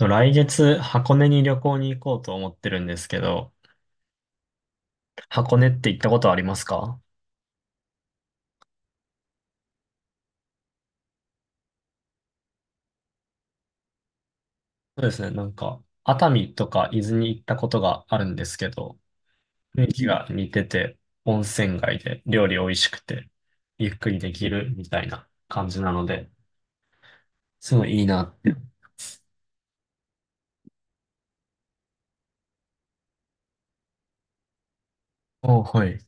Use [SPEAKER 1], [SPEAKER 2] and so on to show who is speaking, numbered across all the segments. [SPEAKER 1] 来月、箱根に旅行に行こうと思ってるんですけど、箱根って行ったことありますか？そうですね、なんか、熱海とか伊豆に行ったことがあるんですけど、雰囲気が似てて、温泉街で料理美味しくて、ゆっくりできるみたいな感じなので、すごいいいなって。お、はい。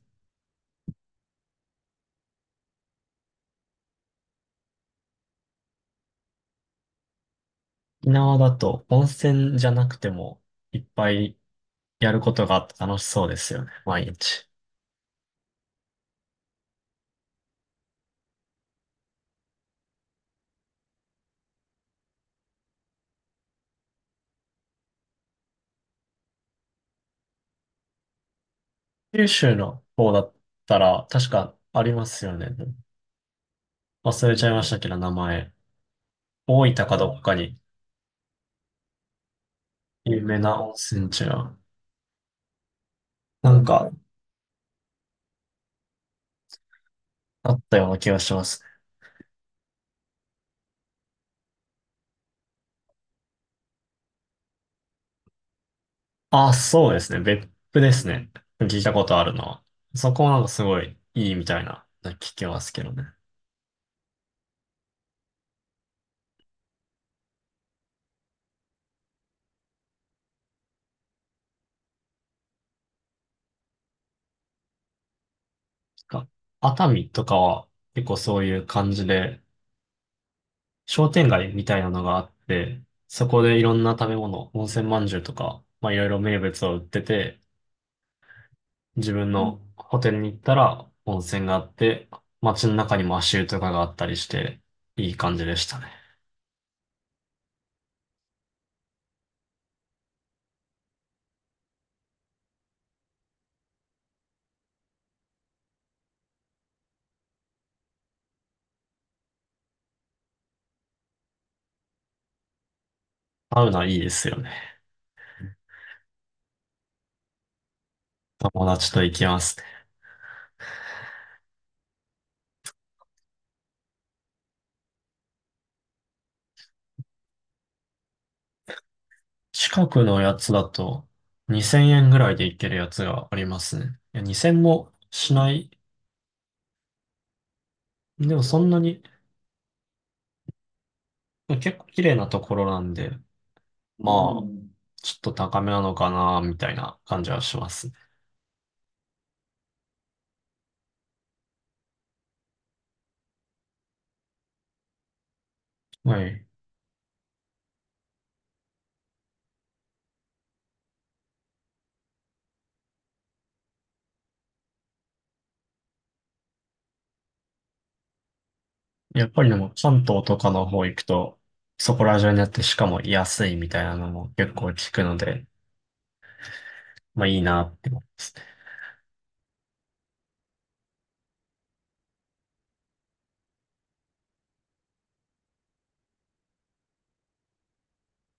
[SPEAKER 1] 沖縄だと温泉じゃなくてもいっぱいやることがあって楽しそうですよね、毎日。九州の方だったら確かありますよね。忘れちゃいましたけど、名前。大分かどっかに有名な温泉地が、なんかあったような気がします。あ、そうですね。別府ですね。聞いたことあるのは。そこはなんかすごいいいみたいな、聞きますけどね。なんか熱海とかは結構そういう感じで、商店街みたいなのがあって、そこでいろんな食べ物、温泉まんじゅうとか、まあいろいろ名物を売ってて、自分のホテルに行ったら温泉があって、街の中にも足湯とかがあったりして、いい感じでしたね。サウナいいですよね。友達と行きますね。近くのやつだと2000円ぐらいで行けるやつがありますね。いや、2000もしない。でもそんなに、結構綺麗なところなんで、まあ、うん、ちょっと高めなのかな、みたいな感じはしますね。はい。やっぱりでも関東とかの方行くと、そこら中にあってしかも安いみたいなのも結構聞くので、まあいいなって思いますね。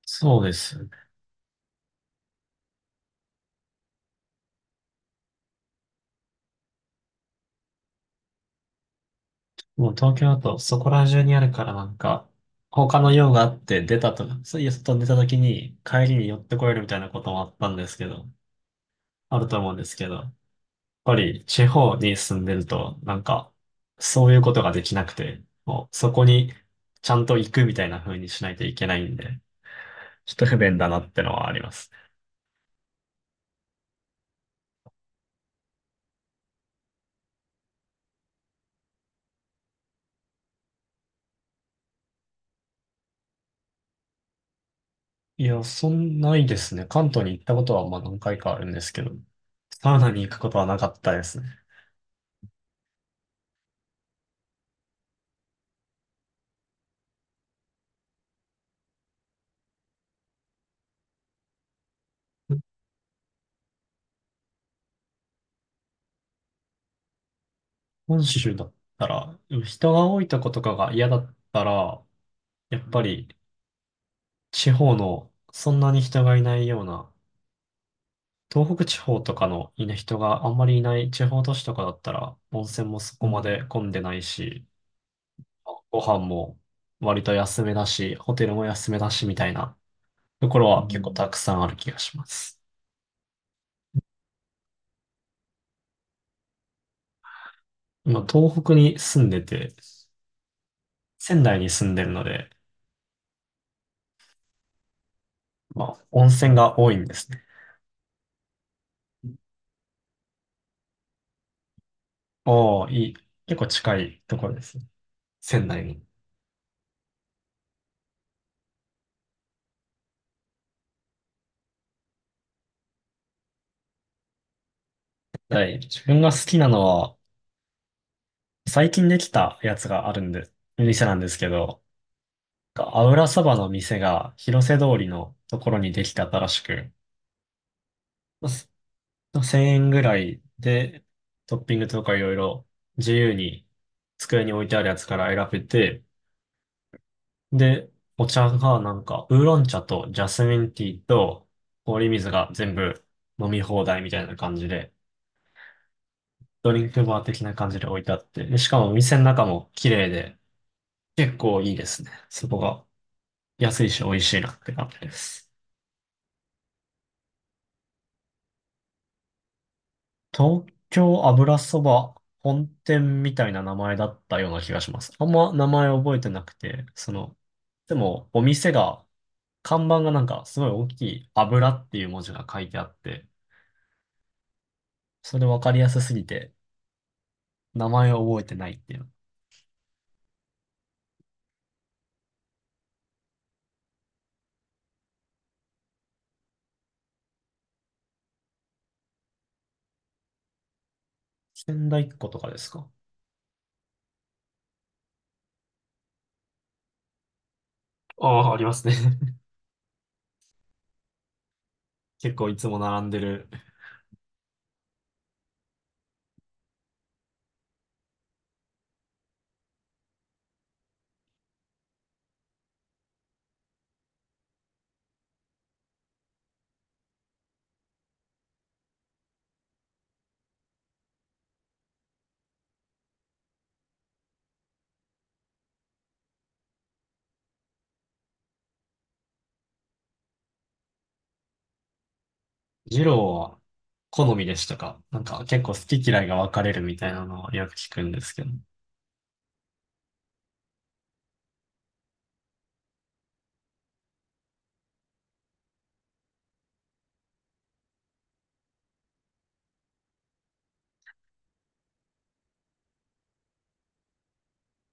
[SPEAKER 1] そうです。もう東京だとそこら中にあるからなんか、他の用があって出たとか、そういう外に出た時に帰りに寄ってこれるみたいなこともあったんですけど、あると思うんですけど、やっぱり地方に住んでるとなんか、そういうことができなくて、もうそこにちゃんと行くみたいな風にしないといけないんで、ちょっと不便だなってのはあります。いや、そんないですね。関東に行ったことはまあ何回かあるんですけど、サウナに行くことはなかったですね。本州だったら、人が多いとことかが嫌だったら、やっぱり地方のそんなに人がいないような、東北地方とかのいない人があんまりいない地方都市とかだったら、温泉もそこまで混んでないし、ご飯も割と安めだし、ホテルも安めだしみたいなところは結構たくさんある気がします。今、東北に住んでて、仙台に住んでるので、まあ、温泉が多いんですね。おお、いい。結構近いところですね。仙台に。はい。自分が好きなのは、最近できたやつがあるんで、店なんですけど、アウラそばの店が広瀬通りのところにできた新しく、まあ1000円ぐらいで、トッピングとかいろいろ自由に机に置いてあるやつから選べて、で、お茶がなんか、ウーロン茶とジャスミンティーと氷水が全部飲み放題みたいな感じで、ドリンクバー的な感じで置いてあって、でしかもお店の中も綺麗で、結構いいですね。そこが安いし美味しいなって感じです。東京油そば本店みたいな名前だったような気がします。あんま名前覚えてなくて、その、でもお店が、看板がなんかすごい大きい油っていう文字が書いてあって、それ分かりやすすぎて、名前を覚えてないっていう。仙台っ子とかですか？ああ、ありますね。結構いつも並んでる。二郎は好みでしたか？なんか結構好き嫌いが分かれるみたいなのをよく聞くんですけど。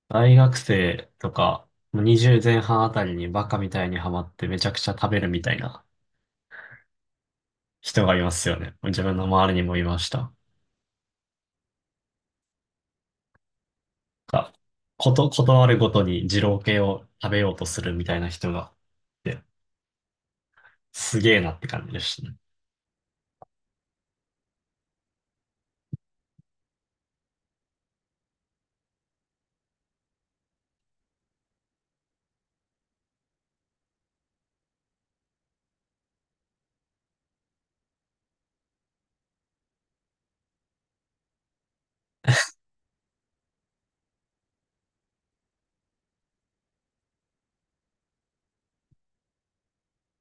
[SPEAKER 1] 大学生とか、二0前半あたりにバカみたいにハマってめちゃくちゃ食べるみたいな人がいますよね。自分の周りにもいました。がこと、ことあるごとに二郎系を食べようとするみたいな人がいて、すげえなって感じでしたね。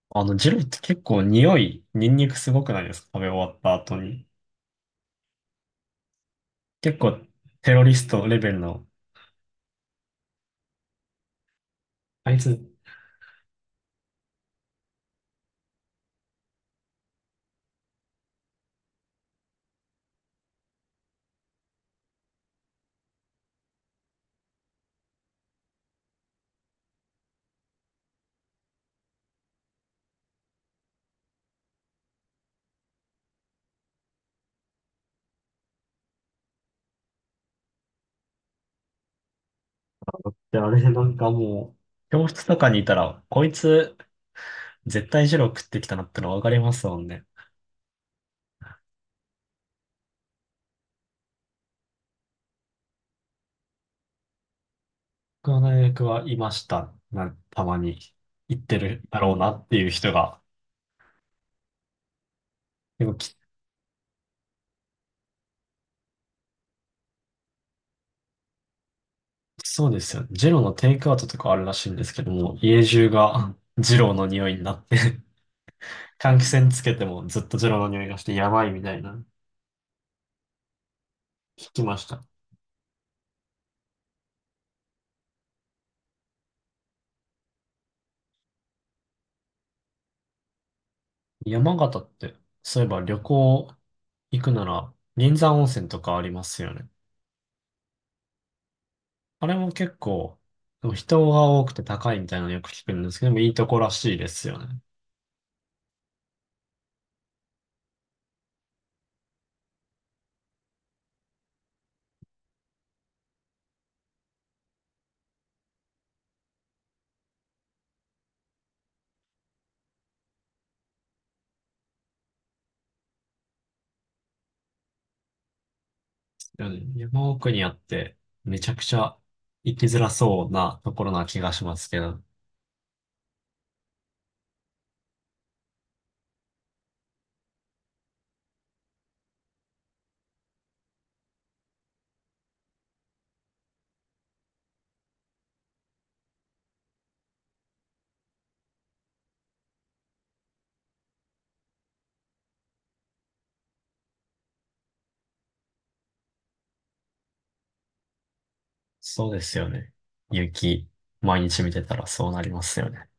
[SPEAKER 1] ジローって結構匂い、ニンニクすごくないですか？食べ終わった後に。結構テロリストレベルの。あいつってあれなんかもう、教室とかにいたら、こいつ絶対ジロー食ってきたなってのわかりますもんね。僕の大学はいました。たまに行ってるだろうなっていう人が。でもき、そうですよね。ジローのテイクアウトとかあるらしいんですけども、家中がジローの匂いになって、換気扇つけてもずっとジローの匂いがしてやばいみたいな。聞きました。山形って、そういえば旅行行くなら、銀山温泉とかありますよね。あれも結構、でも人が多くて高いみたいなのよく聞くんですけど、でもいいとこらしいですよね。山奥にあって、めちゃくちゃ行きづらそうなところな気がしますけど、そうですよね。雪、毎日見てたらそうなりますよね。